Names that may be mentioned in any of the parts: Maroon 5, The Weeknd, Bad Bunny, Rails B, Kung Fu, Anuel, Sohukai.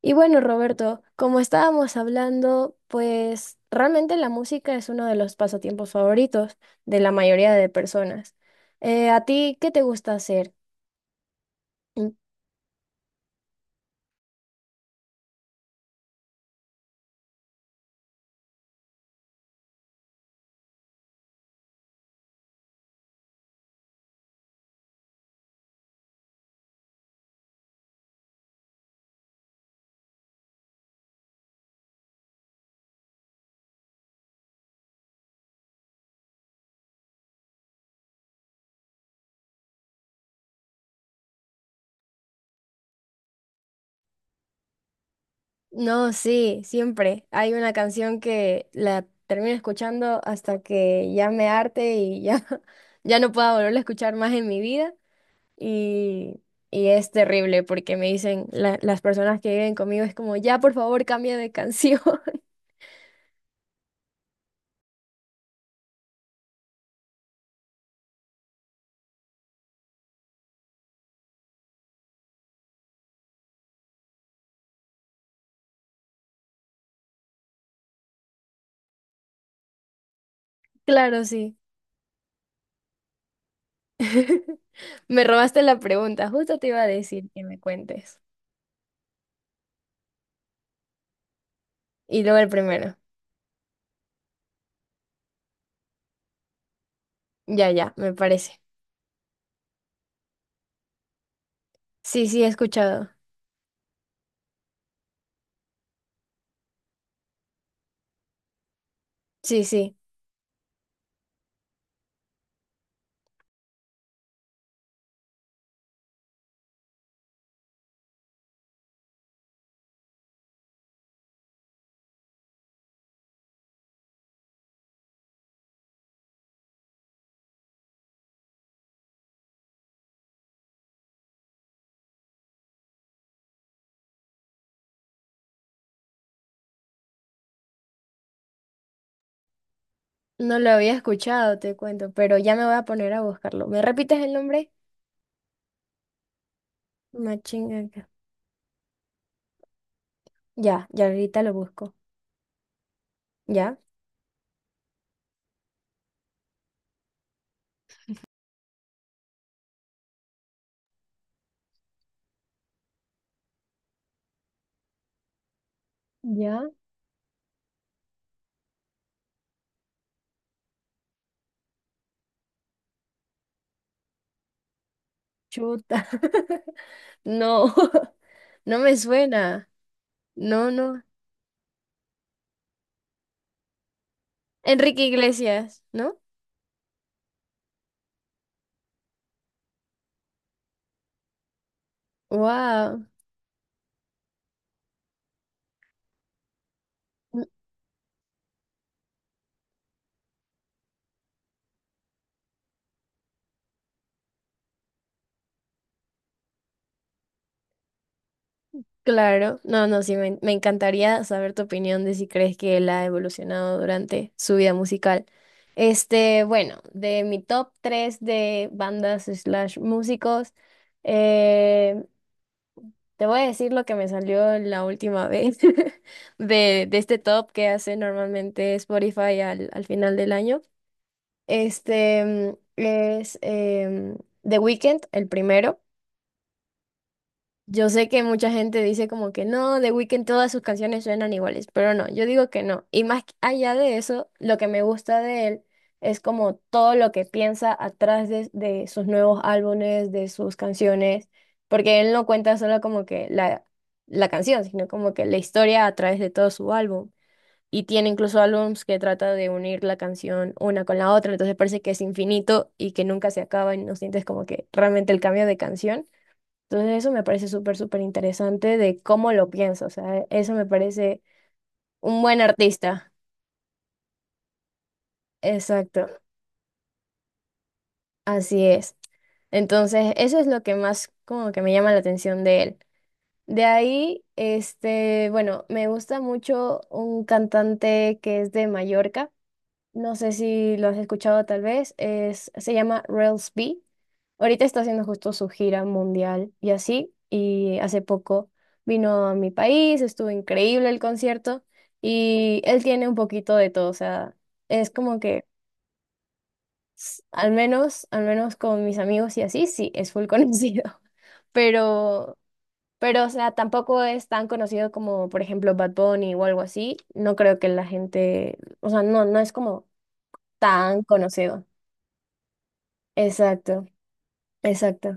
Y bueno, Roberto, como estábamos hablando, pues realmente la música es uno de los pasatiempos favoritos de la mayoría de personas. ¿A ti qué te gusta hacer? Mm. No, sí, siempre. Hay una canción que la termino escuchando hasta que ya me harte y ya, ya no pueda volverla a escuchar más en mi vida. Y, y es terrible porque me dicen las personas que viven conmigo es como, ya por favor cambia de canción. Claro, sí. Me robaste la pregunta, justo te iba a decir que me cuentes. Y luego el primero. Ya, ya, me parece. Sí, sí, he escuchado. Sí, sí. No lo había escuchado, te cuento, pero ya me voy a poner a buscarlo. ¿Me repites el nombre? Machinga. Ya, ya ahorita lo busco. ¿Ya? ¿Ya? Chuta. No, no me suena. No, no. Enrique Iglesias, ¿no? Wow. Claro. No, no, sí, me encantaría saber tu opinión de si crees que él ha evolucionado durante su vida musical. Este, bueno, de mi top 3 de bandas slash músicos, eh, te voy a decir lo que me salió la última vez de este top que hace normalmente Spotify al final del año. Este es The Weeknd, el primero. Yo sé que mucha gente dice como que no, The Weeknd todas sus canciones suenan iguales, pero no, yo digo que no. Y más allá de eso, lo que me gusta de él es como todo lo que piensa atrás de sus nuevos álbumes, de sus canciones, porque él no cuenta solo como que la canción, sino como que la historia a través de todo su álbum. Y tiene incluso álbums que trata de unir la canción una con la otra, entonces parece que es infinito y que nunca se acaba y no sientes como que realmente el cambio de canción. Entonces eso me parece súper, súper interesante de cómo lo piensa. O sea, eso me parece un buen artista. Exacto, así es. Entonces eso es lo que más como que me llama la atención de él. De ahí, este, bueno, me gusta mucho un cantante que es de Mallorca. No sé si lo has escuchado tal vez, es, se llama Rails B. Ahorita está haciendo justo su gira mundial y así, y hace poco vino a mi país, estuvo increíble el concierto y él tiene un poquito de todo, o sea, es como que al menos con mis amigos y así, sí, es full conocido, pero, pero, o sea, tampoco es tan conocido como, por ejemplo, Bad Bunny o algo así, no creo que la gente, o sea, no, no es como tan conocido. Exacto, exacto.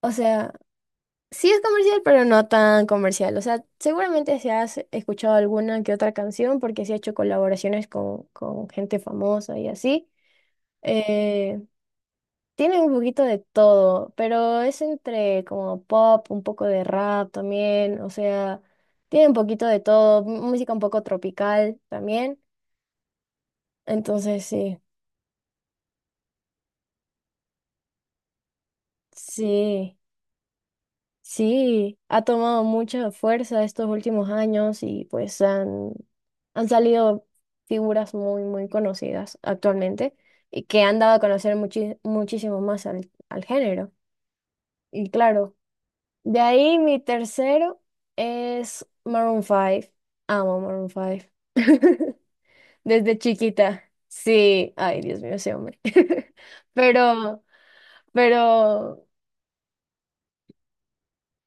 O sea, sí es comercial, pero no tan comercial. O sea, seguramente se has escuchado alguna que otra canción porque sí ha hecho colaboraciones con gente famosa y así. Eh, tiene un poquito de todo, pero es entre como pop, un poco de rap también. O sea, tiene un poquito de todo, música un poco tropical también. Entonces, sí, sí. Sí, ha tomado mucha fuerza estos últimos años y pues han salido figuras muy, muy conocidas actualmente y que han dado a conocer muchísimo más al género. Y claro, de ahí mi tercero es Maroon 5. Amo Maroon 5. Desde chiquita. Sí, ay, Dios mío, ese hombre. Pero, pero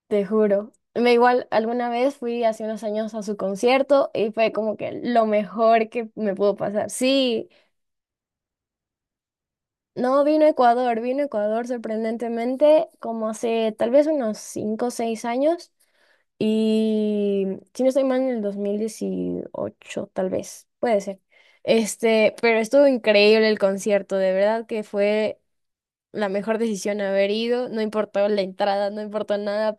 Te juro. Me igual, alguna vez fui hace unos años a su concierto y fue como que lo mejor que me pudo pasar. Sí, no vino a Ecuador, vino a Ecuador sorprendentemente como hace tal vez unos 5 o 6 años y si no estoy mal en el 2018 tal vez, puede ser. Este, pero estuvo increíble el concierto, de verdad que fue la mejor decisión haber ido, no importó la entrada, no importó nada,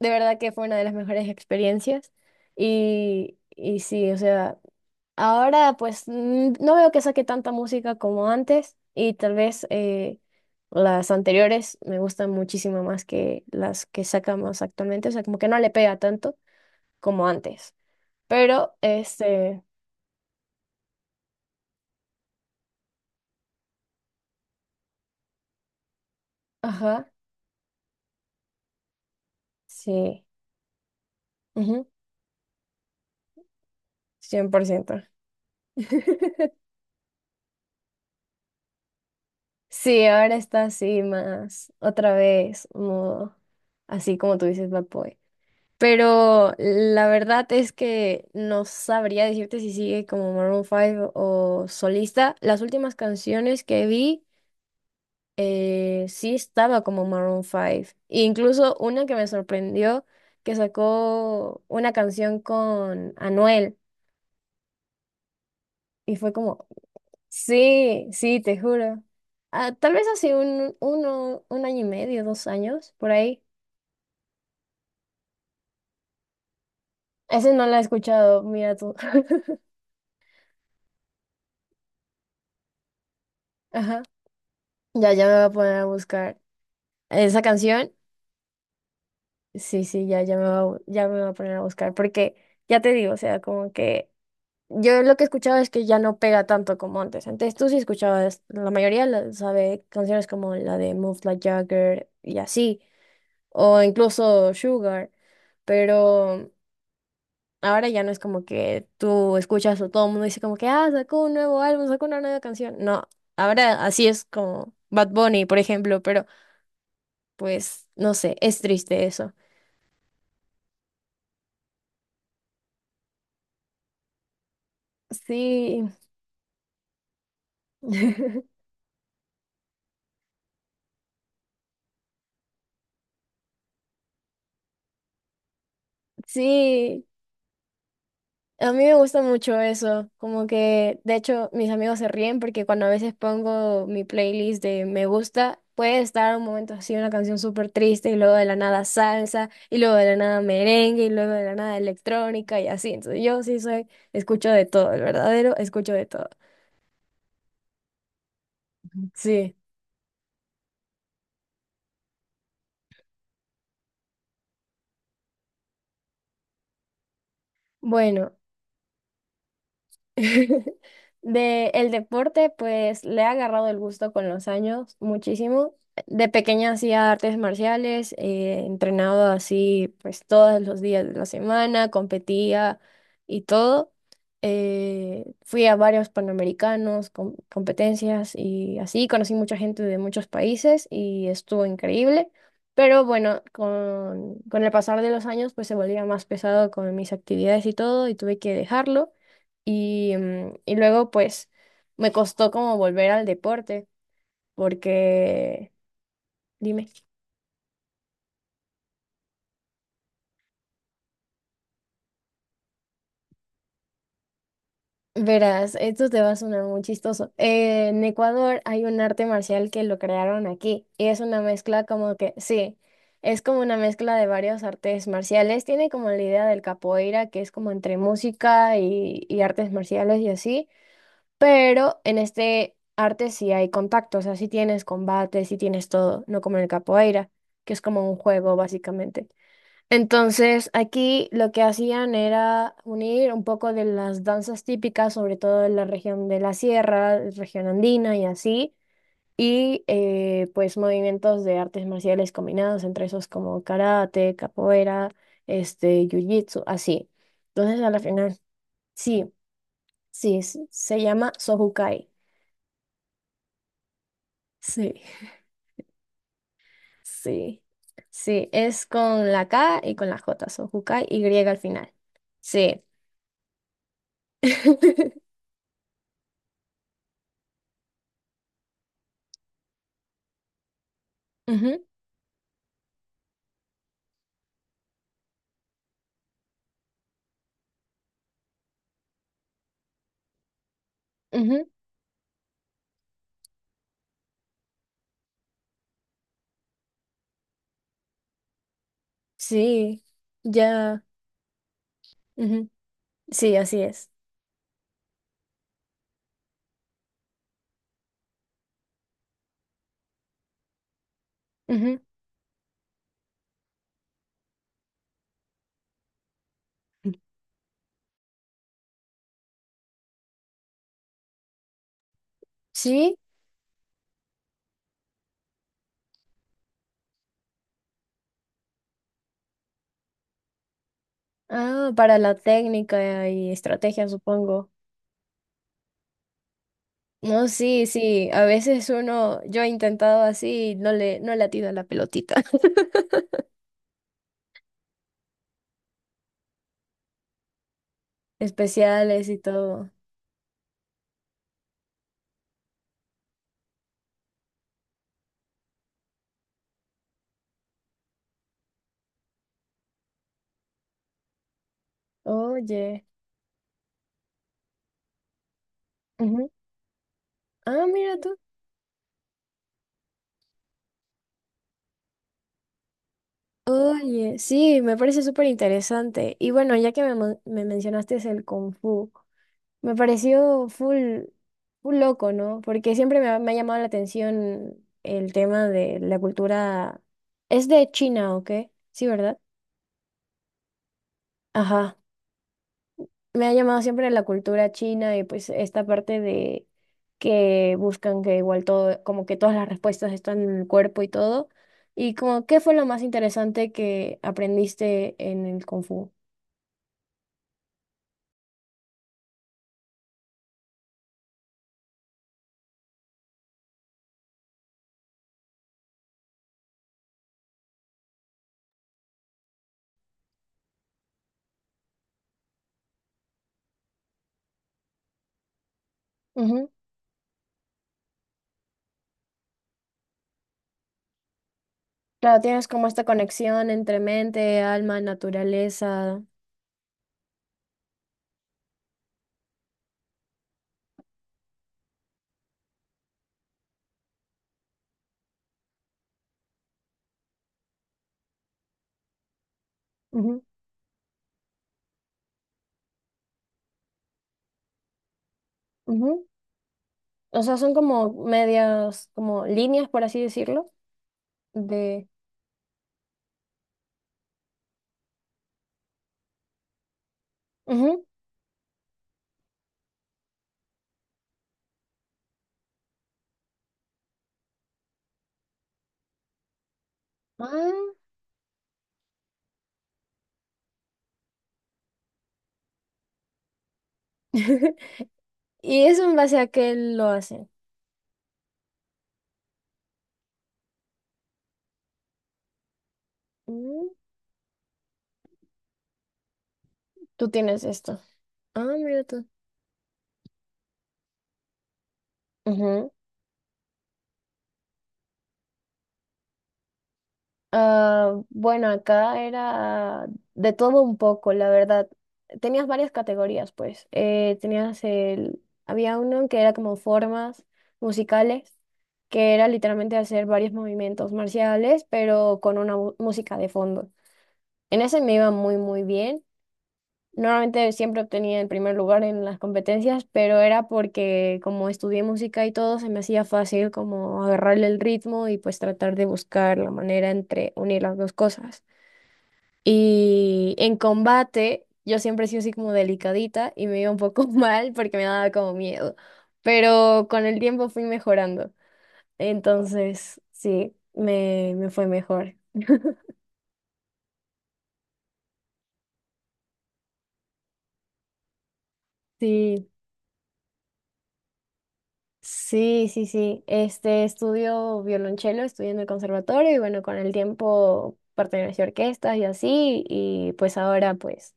de verdad que fue una de las mejores experiencias. Y sí, o sea, ahora pues no veo que saque tanta música como antes y tal vez las anteriores me gustan muchísimo más que las que sacamos actualmente, o sea, como que no le pega tanto como antes. Pero, este, ajá, sí, ujú, 100%. Sí, ahora está así más, otra vez, modo, así como tú dices, Bad Boy. Pero la verdad es que no sabría decirte si sigue como Maroon 5 o solista. Las últimas canciones que vi, sí estaba como Maroon 5. E incluso una que me sorprendió, que sacó una canción con Anuel. Y fue como, sí, sí, te juro. Ah, tal vez hace un año y medio, 2 años, por ahí. Ese no la he escuchado, mira tú. Ajá. Ya, ya me voy a poner a buscar. Esa canción, sí, sí, ya me va a poner a buscar, porque ya te digo, o sea, como que yo lo que escuchaba es que ya no pega tanto como antes. Antes tú sí escuchabas, la mayoría sabe canciones como la de Move Like Jagger y así, o incluso Sugar, pero ahora ya no es como que tú escuchas o todo el mundo dice como que, ah, sacó un nuevo álbum, sacó una nueva canción. No, ahora así es como Bad Bunny, por ejemplo, pero pues no sé, es triste eso. Sí, sí, a mí me gusta mucho eso, como que de hecho mis amigos se ríen porque cuando a veces pongo mi playlist de me gusta, puede estar un momento así una canción súper triste y luego de la nada salsa y luego de la nada merengue y luego de la nada electrónica y así. Entonces yo sí soy, escucho de todo, el verdadero escucho de todo. Sí, bueno. De el deporte, pues le he agarrado el gusto con los años, muchísimo. De pequeña hacía artes marciales, entrenaba así pues todos los días de la semana, competía y todo. Fui a varios panamericanos, competencias y así, conocí mucha gente de muchos países y estuvo increíble. Pero bueno, con el pasar de los años pues se volvía más pesado con mis actividades y todo y tuve que dejarlo. Y, y luego, pues, me costó como volver al deporte, porque, dime, verás, esto te va a sonar muy chistoso. En Ecuador hay un arte marcial que lo crearon aquí, y es una mezcla como que, sí, es como una mezcla de varios artes marciales. Tiene como la idea del capoeira, que es como entre música y artes marciales y así. Pero en este arte sí hay contacto, o sea, sí tienes combate, sí tienes todo, no como en el capoeira, que es como un juego básicamente. Entonces, aquí lo que hacían era unir un poco de las danzas típicas, sobre todo de la región de la sierra, región andina y así, y pues movimientos de artes marciales combinados entre esos como karate, capoeira, este, jiu-jitsu, así. Entonces, a la final, sí, sí, se llama Sohukai. Sí, sí, sí, es con la K y con la J, son Jukai y griega al final. Sí. Ujú, ujú. Sí, ya. Ujú. Sí, así es. Ujú. Sí, ah, para la técnica y estrategia, supongo. No, sí, sí, a veces uno, yo he intentado así y no le atino a la pelotita. Especiales y todo. Oye. Ujú. Ah, mira tú. Oye, sí, me parece súper interesante. Y bueno, ya que me mencionaste es el Kung Fu, me pareció full, full loco, ¿no? Porque siempre me ha llamado la atención el tema de la cultura. Es de China, ¿o qué? Sí, ¿verdad? Ajá. Me ha llamado siempre la cultura china y pues esta parte de que buscan que igual todo, como que todas las respuestas están en el cuerpo y todo. Y como, ¿qué fue lo más interesante que aprendiste en el Kung Fu? Claro, tienes como esta conexión entre mente, alma, naturaleza. Ujú, ujú. O sea, son como medias, como líneas, por así decirlo, de... Ujú. Ah. ¿Y eso en base a qué lo hacen? Mm. Tú tienes esto. Ah, mira tú. Ah, bueno, acá era de todo un poco, la verdad. Tenías varias categorías, pues. Tenías el, había uno que era como formas musicales, que era literalmente hacer varios movimientos marciales, pero con una música de fondo. En ese me iba muy, muy bien. Normalmente siempre obtenía el primer lugar en las competencias, pero era porque como estudié música y todo, se me hacía fácil como agarrarle el ritmo y pues tratar de buscar la manera entre unir las dos cosas. Y en combate, yo siempre he sido así como delicadita y me iba un poco mal porque me daba como miedo. Pero con el tiempo fui mejorando. Entonces, sí, me fue mejor. Sí, sí, sí, sí. Este estudio violonchelo, estudié en el conservatorio y bueno, con el tiempo pertenecí a orquestas y así. Y pues ahora, pues,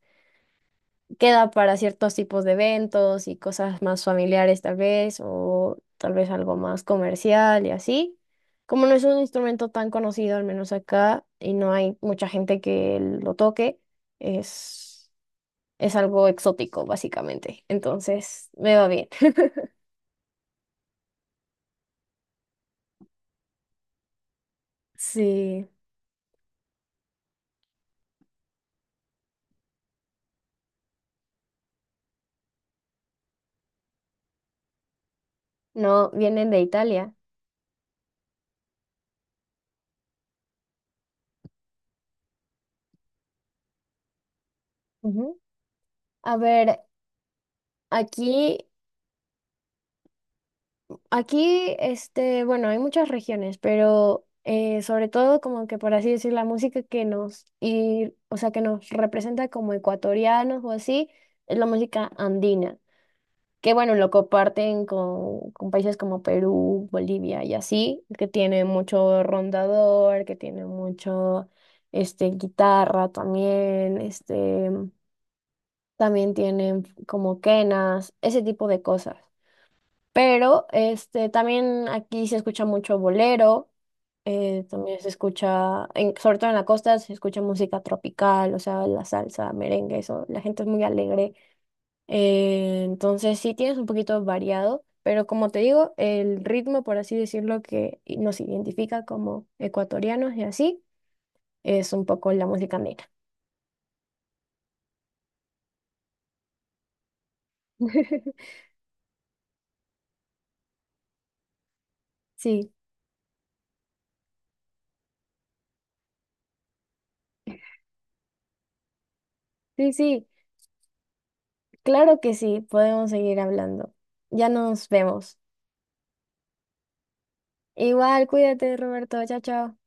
queda para ciertos tipos de eventos y cosas más familiares tal vez, o tal vez algo más comercial y así. Como no es un instrumento tan conocido, al menos acá, y no hay mucha gente que lo toque, es, es algo exótico, básicamente. Entonces, me va bien. Sí, no, vienen de Italia. Ujú. A ver, aquí Aquí, este, bueno, hay muchas regiones, pero sobre todo como que por así decir, la música que nos o sea, que nos representa como ecuatorianos o así, es la música andina, que bueno, lo comparten con países como Perú, Bolivia y así, que tiene mucho rondador, que tiene mucho este guitarra también, este, también tienen como quenas, ese tipo de cosas. Pero este, también aquí se escucha mucho bolero, también se escucha, sobre todo en la costa, se escucha música tropical, o sea, la salsa, merengue, eso, la gente es muy alegre. Entonces sí tienes un poquito variado, pero como te digo, el ritmo, por así decirlo, que nos identifica como ecuatorianos y así, es un poco la música negra. Sí, sí, sí, claro que sí, podemos seguir hablando. Ya nos vemos. Igual, cuídate, Roberto, chao, chao.